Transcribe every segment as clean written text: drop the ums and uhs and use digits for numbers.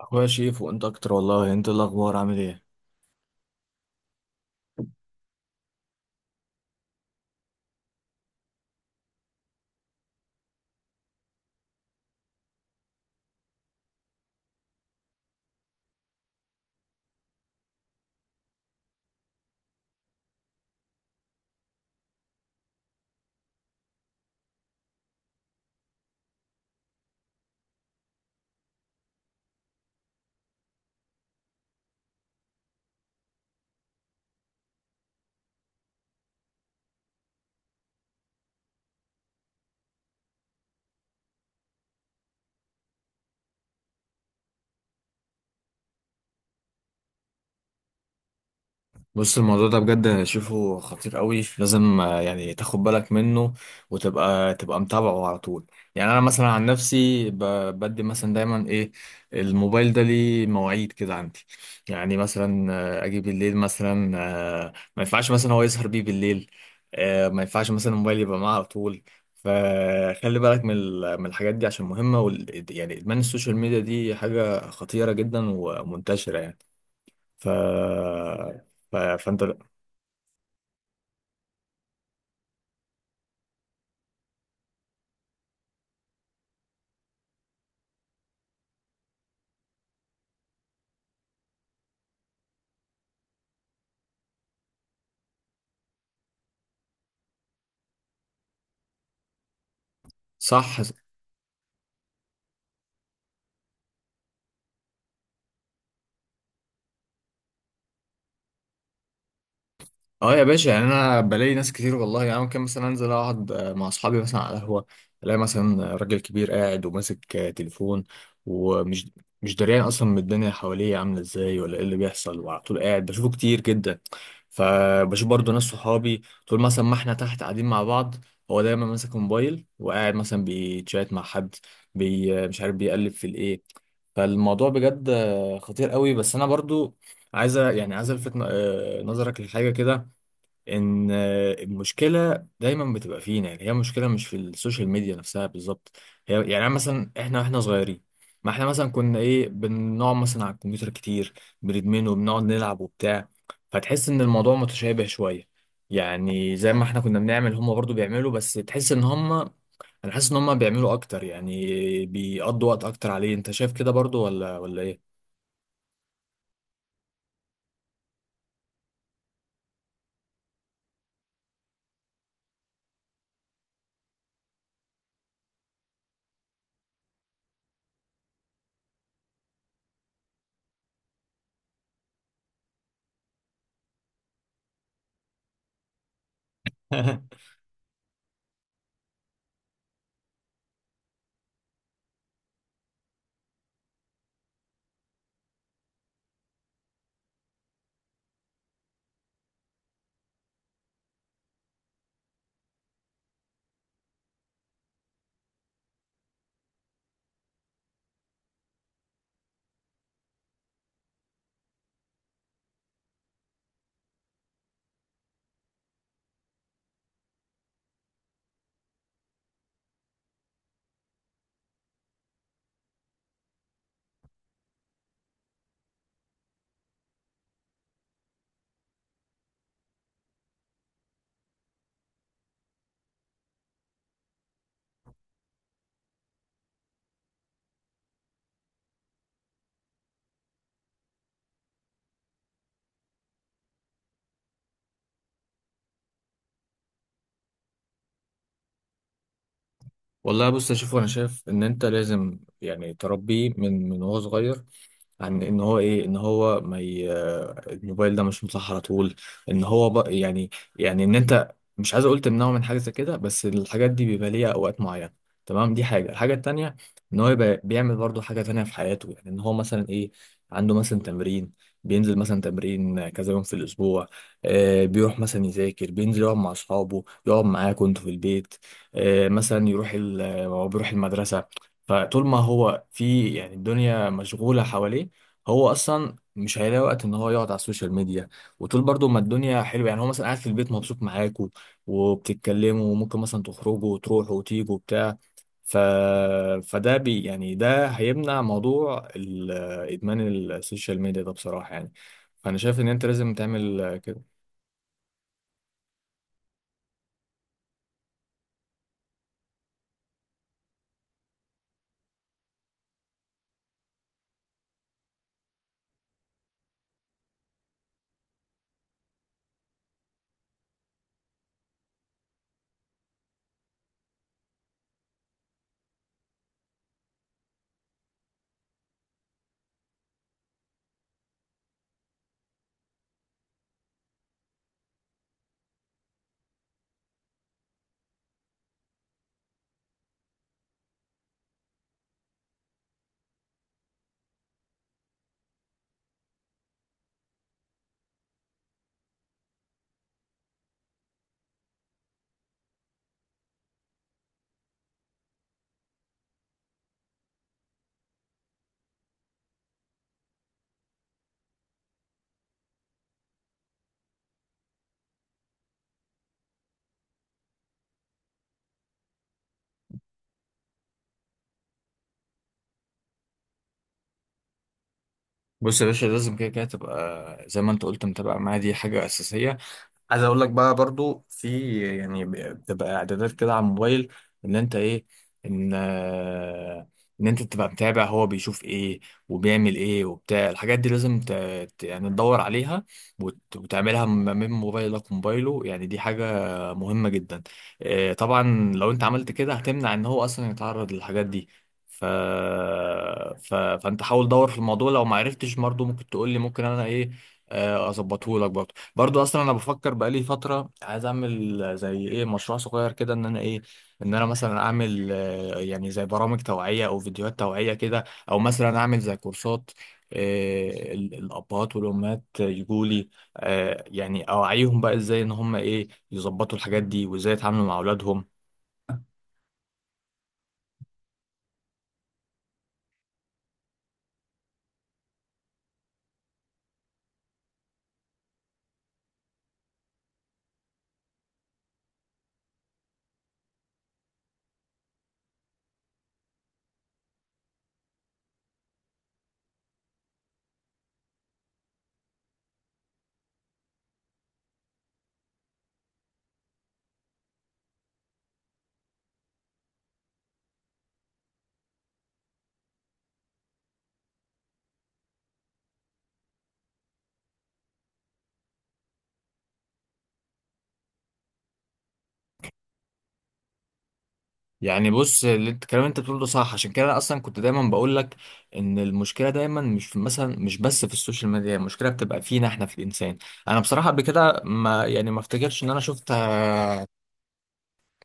اخويا شيف وانت اكتر، والله انت إيه الاخبار؟ عامل ايه؟ بص، الموضوع ده بجد شوفه خطير قوي، لازم يعني تاخد بالك منه وتبقى تبقى متابعه على طول. يعني انا مثلا عن نفسي بدي مثلا دايما ايه، الموبايل ده ليه مواعيد كده عندي. يعني مثلا اجي بالليل مثلا، ما ينفعش مثلا هو يسهر بيه بالليل، ما ينفعش مثلا الموبايل يبقى معاه على طول. فخلي بالك من الحاجات دي عشان مهمة، يعني ادمان السوشيال ميديا دي حاجة خطيرة جدا ومنتشرة يعني. ف فانت صح. اه يا باشا، يعني انا بلاقي ناس كتير والله. يعني ممكن مثلا انزل اقعد مع اصحابي مثلا على القهوه، الاقي مثلا راجل كبير قاعد وماسك تليفون ومش مش دريان اصلا من الدنيا حواليه عامله ازاي ولا ايه اللي بيحصل، وعلى طول قاعد بشوفه كتير جدا. فبشوف برضو ناس صحابي، طول مثلا ما احنا تحت قاعدين مع بعض، هو دايما ماسك موبايل وقاعد مثلا بيتشات مع حد، بي آه، مش عارف بيقلب في الايه. فالموضوع بجد خطير قوي، بس انا برضو عايز يعني عايز الفت نظرك لحاجه كده، ان المشكله دايما بتبقى فينا. يعني هي مشكله مش في السوشيال ميديا نفسها بالظبط، هي يعني أنا مثلا، احنا واحنا صغيرين، ما احنا مثلا كنا ايه، بنقعد مثلا على الكمبيوتر كتير، بندمنه وبنقعد نلعب وبتاع. فتحس ان الموضوع متشابه شويه، يعني زي ما احنا كنا بنعمل هم برضو بيعملوا، بس تحس ان هم، انا حاسس ان هم بيعملوا اكتر يعني، بيقضوا وقت اكتر عليه. انت شايف كده برضو ولا ايه؟ والله بص يا شوف، انا شايف ان انت لازم يعني تربيه من وهو صغير، عن ان هو ايه، ان هو ما ي... الموبايل ده مش مصح على طول، يعني، يعني ان انت مش عايز اقول تمنعه من حاجه زي كده، بس الحاجات دي بيبقى ليها اوقات معينه، تمام؟ دي حاجه. الحاجه التانيه، ان هو يبقى بيعمل برضه حاجه تانيه في حياته. يعني ان هو مثلا ايه، عنده مثلا تمرين، بينزل مثلا تمرين كذا يوم في الاسبوع، آه بيروح مثلا يذاكر، بينزل يقعد مع اصحابه، يقعد معاكم انتوا في البيت، آه مثلا يروح هو بيروح المدرسه. فطول ما هو في يعني الدنيا مشغوله حواليه، هو اصلا مش هيلاقي وقت ان هو يقعد على السوشيال ميديا. وطول برضو ما الدنيا حلوه، يعني هو مثلا قاعد في البيت مبسوط معاكوا وبتتكلموا، وممكن مثلا تخرجوا وتروحوا وتيجوا وبتاع. ف... فده يعني ده هيمنع موضوع ادمان السوشيال ميديا ده بصراحه يعني. فانا شايف ان انت لازم تعمل كده. بص يا باشا، لازم كده كده تبقى زي ما انت قلت متابع معايا، دي حاجة أساسية. عايز اقول لك بقى برضو في يعني، بتبقى اعدادات كده على الموبايل، ان انت ايه، ان آه، ان انت تبقى متابع هو بيشوف ايه وبيعمل ايه وبتاع. الحاجات دي لازم يعني تدور عليها وتعملها من موبايلك وموبايله، يعني دي حاجة مهمة جدا. طبعا لو انت عملت كده هتمنع ان هو اصلا يتعرض للحاجات دي. ف... فانت حاول دور في الموضوع، لو ما عرفتش برضه ممكن تقول لي، ممكن انا ايه، اظبطه لك برضه. برضو اصلا انا بفكر بقالي فتره عايز اعمل زي ايه مشروع صغير كده، ان انا ايه، ان انا مثلا اعمل يعني زي برامج توعيه او فيديوهات توعيه كده، او مثلا اعمل زي كورسات، الابهات والامهات يجوا لي، يعني اوعيهم بقى ازاي ان هم ايه، يظبطوا الحاجات دي وازاي يتعاملوا مع اولادهم. يعني بص، اللي انت الكلام اللي انت بتقوله ده صح، عشان كده انا اصلا كنت دايما بقول لك ان المشكله دايما مش في مثلا، مش بس في السوشيال ميديا، هي المشكله بتبقى فينا احنا في الانسان. انا بصراحه قبل كده ما يعني، ما افتكرش ان انا شفت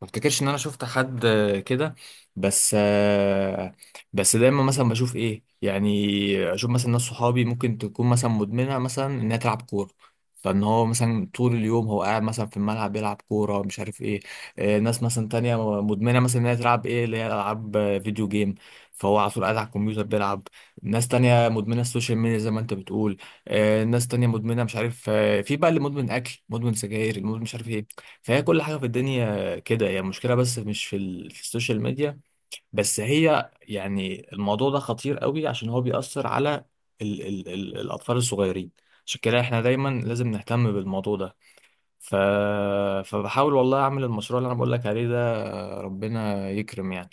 ما افتكرش ان انا شفت حد كده. بس آه، بس دايما مثلا بشوف ايه، يعني اشوف مثلا ناس صحابي ممكن تكون مثلا مدمنه مثلا انها تلعب كوره، فان هو مثلا طول اليوم هو قاعد مثلا في الملعب بيلعب كوره مش عارف ايه. ناس مثلا تانية مدمنه مثلا انها تلعب ايه اللي هي العاب فيديو جيم، فهو على طول قاعد على الكمبيوتر بيلعب. ناس تانية مدمنه السوشيال ميديا زي ما انت بتقول، ناس تانية مدمنه مش عارف في بقى اللي مدمن اكل، مدمن سجاير، المدمن مش عارف ايه. فهي كل حاجه في الدنيا كده هي المشكلة، بس مش في, في السوشيال ميديا بس، هي يعني الموضوع ده خطير قوي عشان هو بيأثر على الأطفال الصغيرين. عشان كده احنا دايما لازم نهتم بالموضوع ده. ف... فبحاول والله أعمل المشروع اللي أنا بقول لك عليه ده، ربنا يكرم يعني.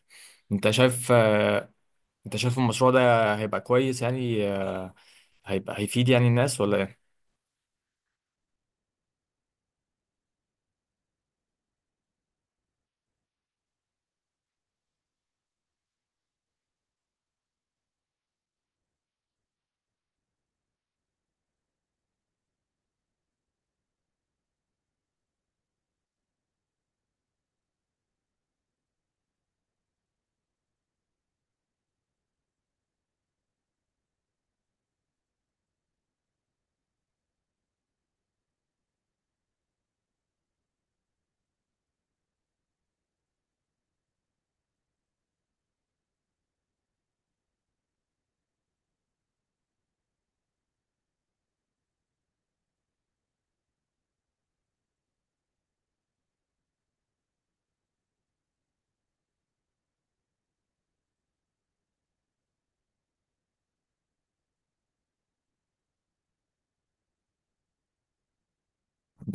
أنت شايف آه، أنت شايف المشروع ده هيبقى كويس يعني، هيبقى هيفيد يعني الناس ولا إيه؟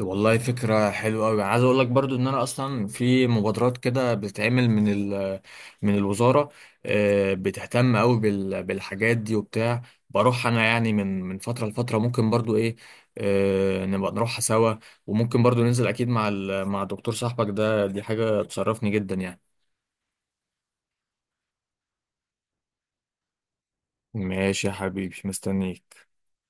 والله فكرة حلوة أوي. عايز أقول لك برضو إن أنا أصلا في مبادرات كده بتتعمل من الوزارة، بتهتم أوي بالحاجات دي وبتاع. بروح أنا يعني من فترة لفترة، ممكن برضو إيه، نبقى نروحها سوا. وممكن برضو ننزل أكيد مع الدكتور صاحبك ده، دي حاجة تشرفني جدا يعني. ماشي يا حبيبي، مستنيك.